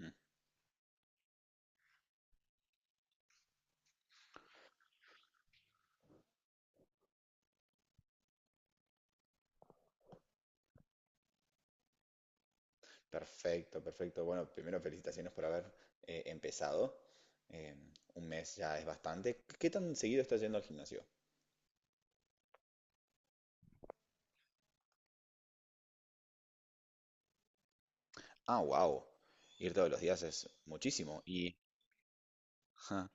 Mm, Perfecto, perfecto. Bueno, primero felicitaciones por haber empezado. Eh, un mes ya es bastante. ¿Qué tan seguido estás yendo al gimnasio? Ah, wow. Ir todos los días es muchísimo. Ja,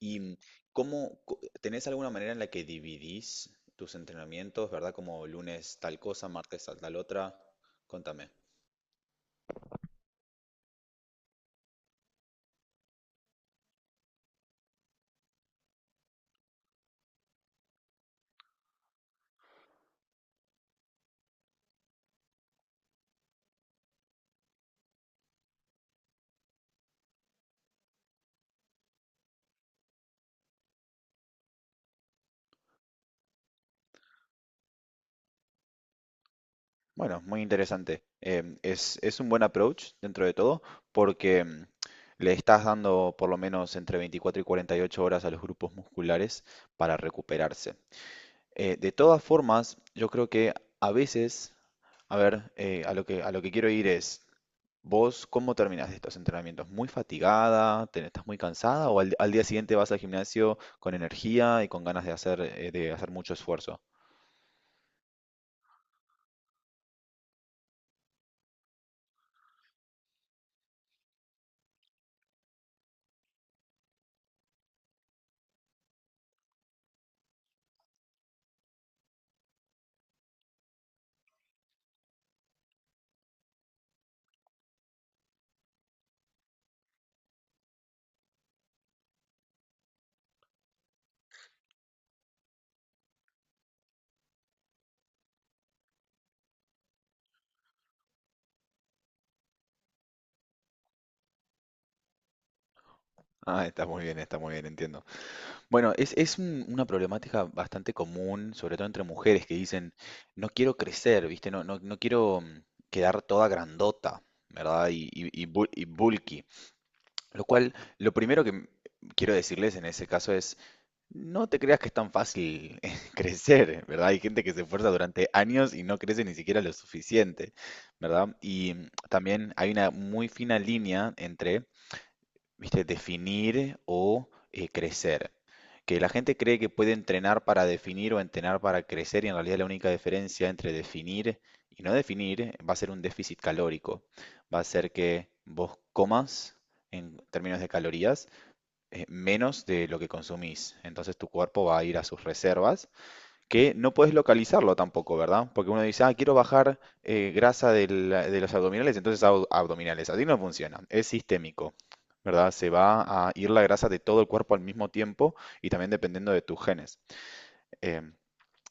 y mm, ¿Cómo tenés alguna manera en la que dividís tus entrenamientos? ¿Verdad? Como lunes tal cosa, martes tal, tal otra. Contame. Bueno, muy interesante. Es un buen approach dentro de todo porque le estás dando por lo menos entre 24 y 48 horas a los grupos musculares para recuperarse. De todas formas, yo creo que a veces, a ver, a lo que quiero ir es, ¿vos cómo terminás estos entrenamientos? ¿Muy fatigada? ¿Estás muy cansada? ¿O al, al día siguiente vas al gimnasio con energía y con ganas de hacer mucho esfuerzo? Ah, está muy bien, entiendo. Bueno, es una problemática bastante común, sobre todo entre mujeres, que dicen, no quiero crecer, ¿viste? No, no, no quiero quedar toda grandota, ¿verdad? Y y bulky. Lo cual, lo primero que quiero decirles en ese caso es, no te creas que es tan fácil crecer, ¿verdad? Hay gente que se esfuerza durante años y no crece ni siquiera lo suficiente, ¿verdad? Y también hay una muy fina línea entre, ¿viste? Definir o crecer. Que la gente cree que puede entrenar para definir o entrenar para crecer y en realidad la única diferencia entre definir y no definir va a ser un déficit calórico. Va a ser que vos comas en términos de calorías menos de lo que consumís. Entonces tu cuerpo va a ir a sus reservas que no puedes localizarlo tampoco, ¿verdad? Porque uno dice, ah, quiero bajar grasa de los abdominales, entonces hago abdominales. Así no funciona, es sistémico, ¿verdad? Se va a ir la grasa de todo el cuerpo al mismo tiempo y también dependiendo de tus genes. Em,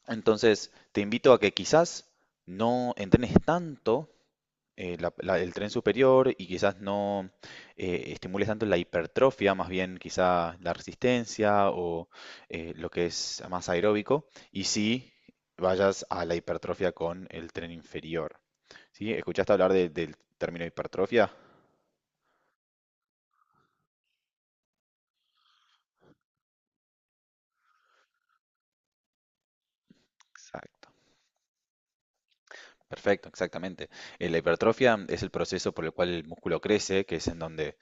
entonces, te invito a que quizás no entrenes tanto el tren superior y quizás no estimules tanto la hipertrofia, más bien quizá la resistencia o lo que es más aeróbico, y si vayas a la hipertrofia con el tren inferior. ¿Sí? ¿Escuchaste hablar del término hipertrofia? Exacto, perfecto, exactamente. La hipertrofia es el proceso por el cual el músculo crece, que es en donde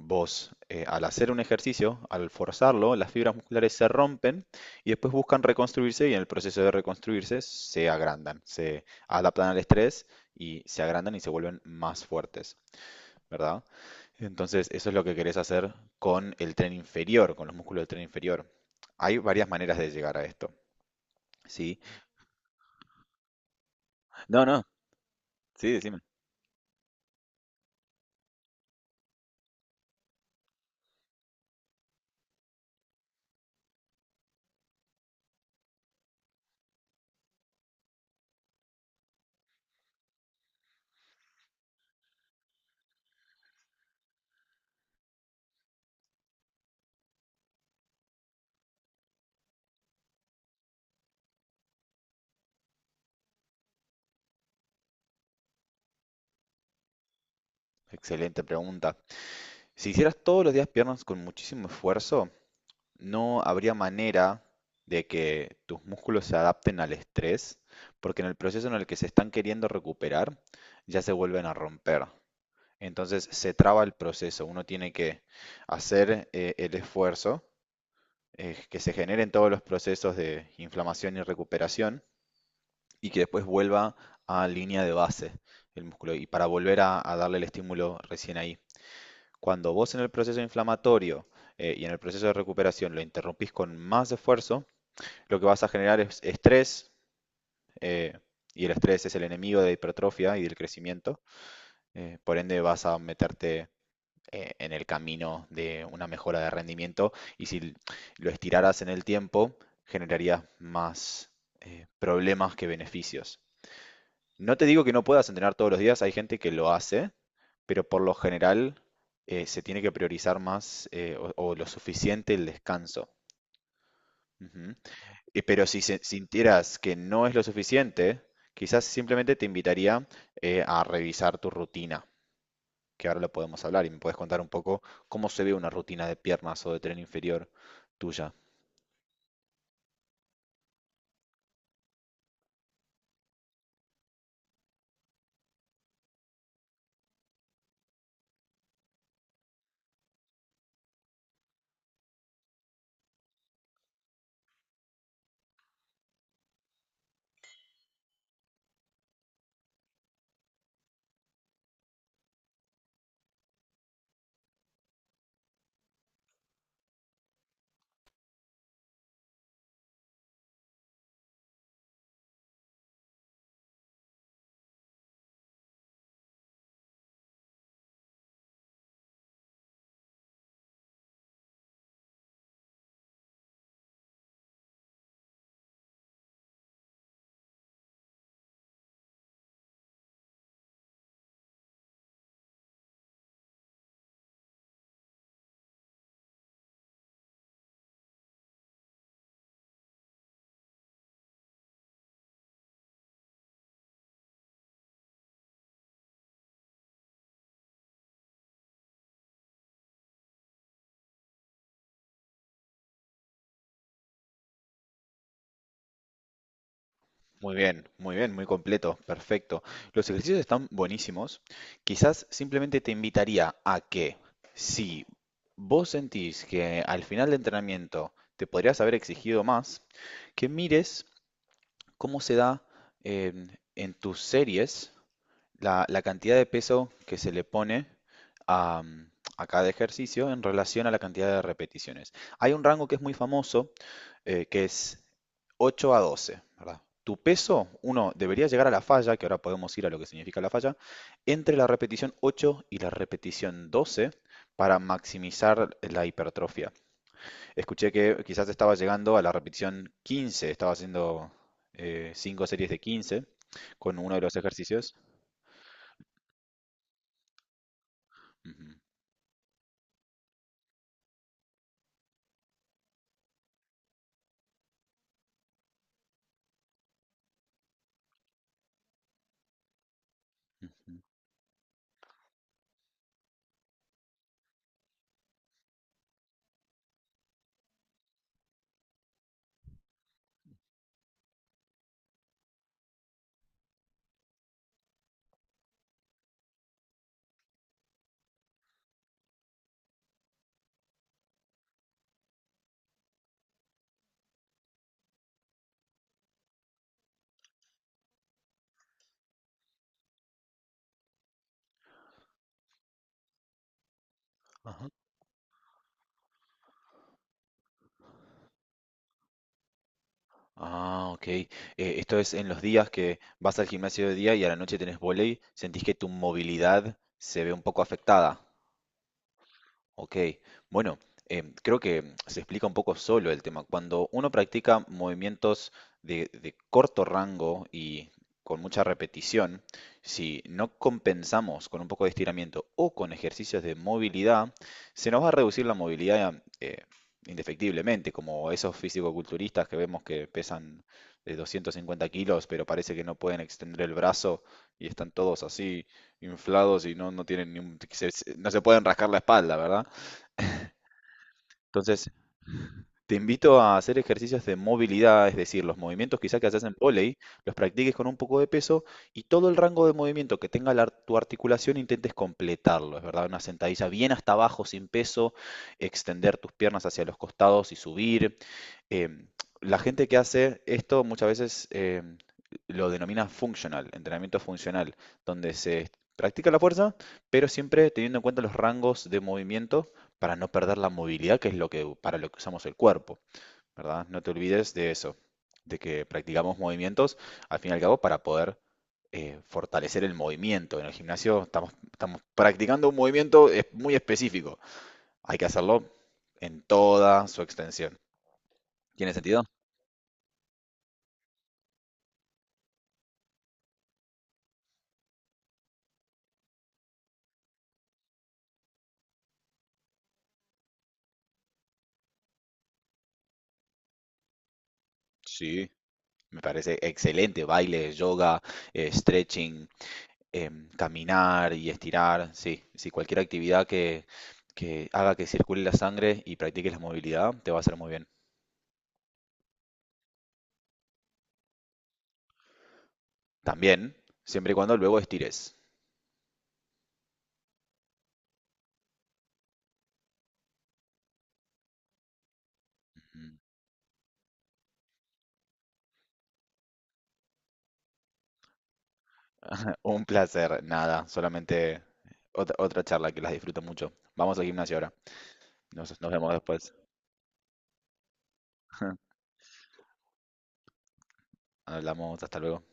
vos, al hacer un ejercicio, al forzarlo, las fibras musculares se rompen y después buscan reconstruirse y en el proceso de reconstruirse se agrandan, se adaptan al estrés y se agrandan y se vuelven más fuertes, ¿verdad? Entonces, eso es lo que querés hacer con el tren inferior, con los músculos del tren inferior. Hay varias maneras de llegar a esto, ¿sí? No, no, sí, decime. Excelente pregunta. Si hicieras todos los días piernas con muchísimo esfuerzo, no habría manera de que tus músculos se adapten al estrés, porque en el proceso en el que se están queriendo recuperar, ya se vuelven a romper. Entonces se traba el proceso. Uno tiene que hacer el esfuerzo, que se generen todos los procesos de inflamación y recuperación y que después vuelva a línea de base el músculo y para volver a darle el estímulo recién ahí. Cuando vos en el proceso inflamatorio y en el proceso de recuperación lo interrumpís con más esfuerzo, lo que vas a generar es estrés, eh, y el estrés es el enemigo de la hipertrofia y del crecimiento. Por ende, vas a meterte en el camino de una mejora de rendimiento y si lo estiraras en el tiempo, generarías más problemas que beneficios. No te digo que no puedas entrenar todos los días, hay gente que lo hace, pero por lo general se tiene que priorizar más o lo suficiente el descanso. Ujú. Y- Pero si sintieras que no es lo suficiente, quizás simplemente te invitaría a revisar tu rutina, que ahora lo podemos hablar y me puedes contar un poco cómo se ve una rutina de piernas o de tren inferior tuya. Muy bien, muy bien, muy completo, perfecto. Los ejercicios están buenísimos. Quizás simplemente te invitaría a que si vos sentís que al final del entrenamiento te podrías haber exigido más, que mires cómo se da em, en tus series la, la cantidad de peso que se le pone a, a cada ejercicio en relación a la cantidad de repeticiones. Hay un rango que es muy famoso, que es 8 a doce, ¿verdad? Tu peso, uno, debería llegar a la falla, que ahora podemos ir a lo que significa la falla, entre la repetición 8 y la repetición 12 para maximizar la hipertrofia. Escuché que quizás estaba llegando a la repetición quince, estaba haciendo 5 series de 15 con uno de los ejercicios. Ujú. Ujú, ajá. Ah, ok. Esto es en los días que vas al gimnasio de día y a la noche tenés vóley, ¿sentís que tu movilidad se ve un poco afectada? Ok, bueno, creo que se explica un poco solo el tema. Cuando uno practica movimientos de corto rango y con mucha repetición, si no compensamos con un poco de estiramiento o con ejercicios de movilidad, se nos va a reducir la movilidad indefectiblemente, como esos fisicoculturistas que vemos que pesan de 250 kilos, pero parece que no pueden extender el brazo y están todos así inflados y no, no tienen ni un- no se pueden rascar la espalda, ¿verdad? Entonces, te invito a hacer ejercicios de movilidad, es decir, los movimientos quizá que haces en vóley, los practiques con un poco de peso y todo el rango de movimiento que tenga la tu articulación intentes completarlo, es verdad, una sentadilla bien hasta abajo sin peso, extender tus piernas hacia los costados y subir. Em, la gente que hace esto muchas veces lo denomina functional, entrenamiento funcional, donde se practica la fuerza, pero siempre teniendo en cuenta los rangos de movimiento para no perder la movilidad, que es lo que, para lo que usamos el cuerpo, ¿verdad? No te olvides de eso, de que practicamos movimientos al fin y al cabo para poder fortalecer el movimiento. En el gimnasio estamos, estamos practicando un movimiento muy específico. Hay que hacerlo en toda su extensión. ¿Tiene sentido? Sí, me parece excelente. Baile, yoga, stretching, caminar y estirar, sí, sí, cualquier actividad que haga que circule la sangre y practiques la movilidad te va a hacer muy bien. También, siempre y cuando luego estires. Un placer, nada, solamente otra, otra charla que las disfruto mucho. Vamos al gimnasio ahora. Nos, nos vemos después. Hablamos, hasta luego.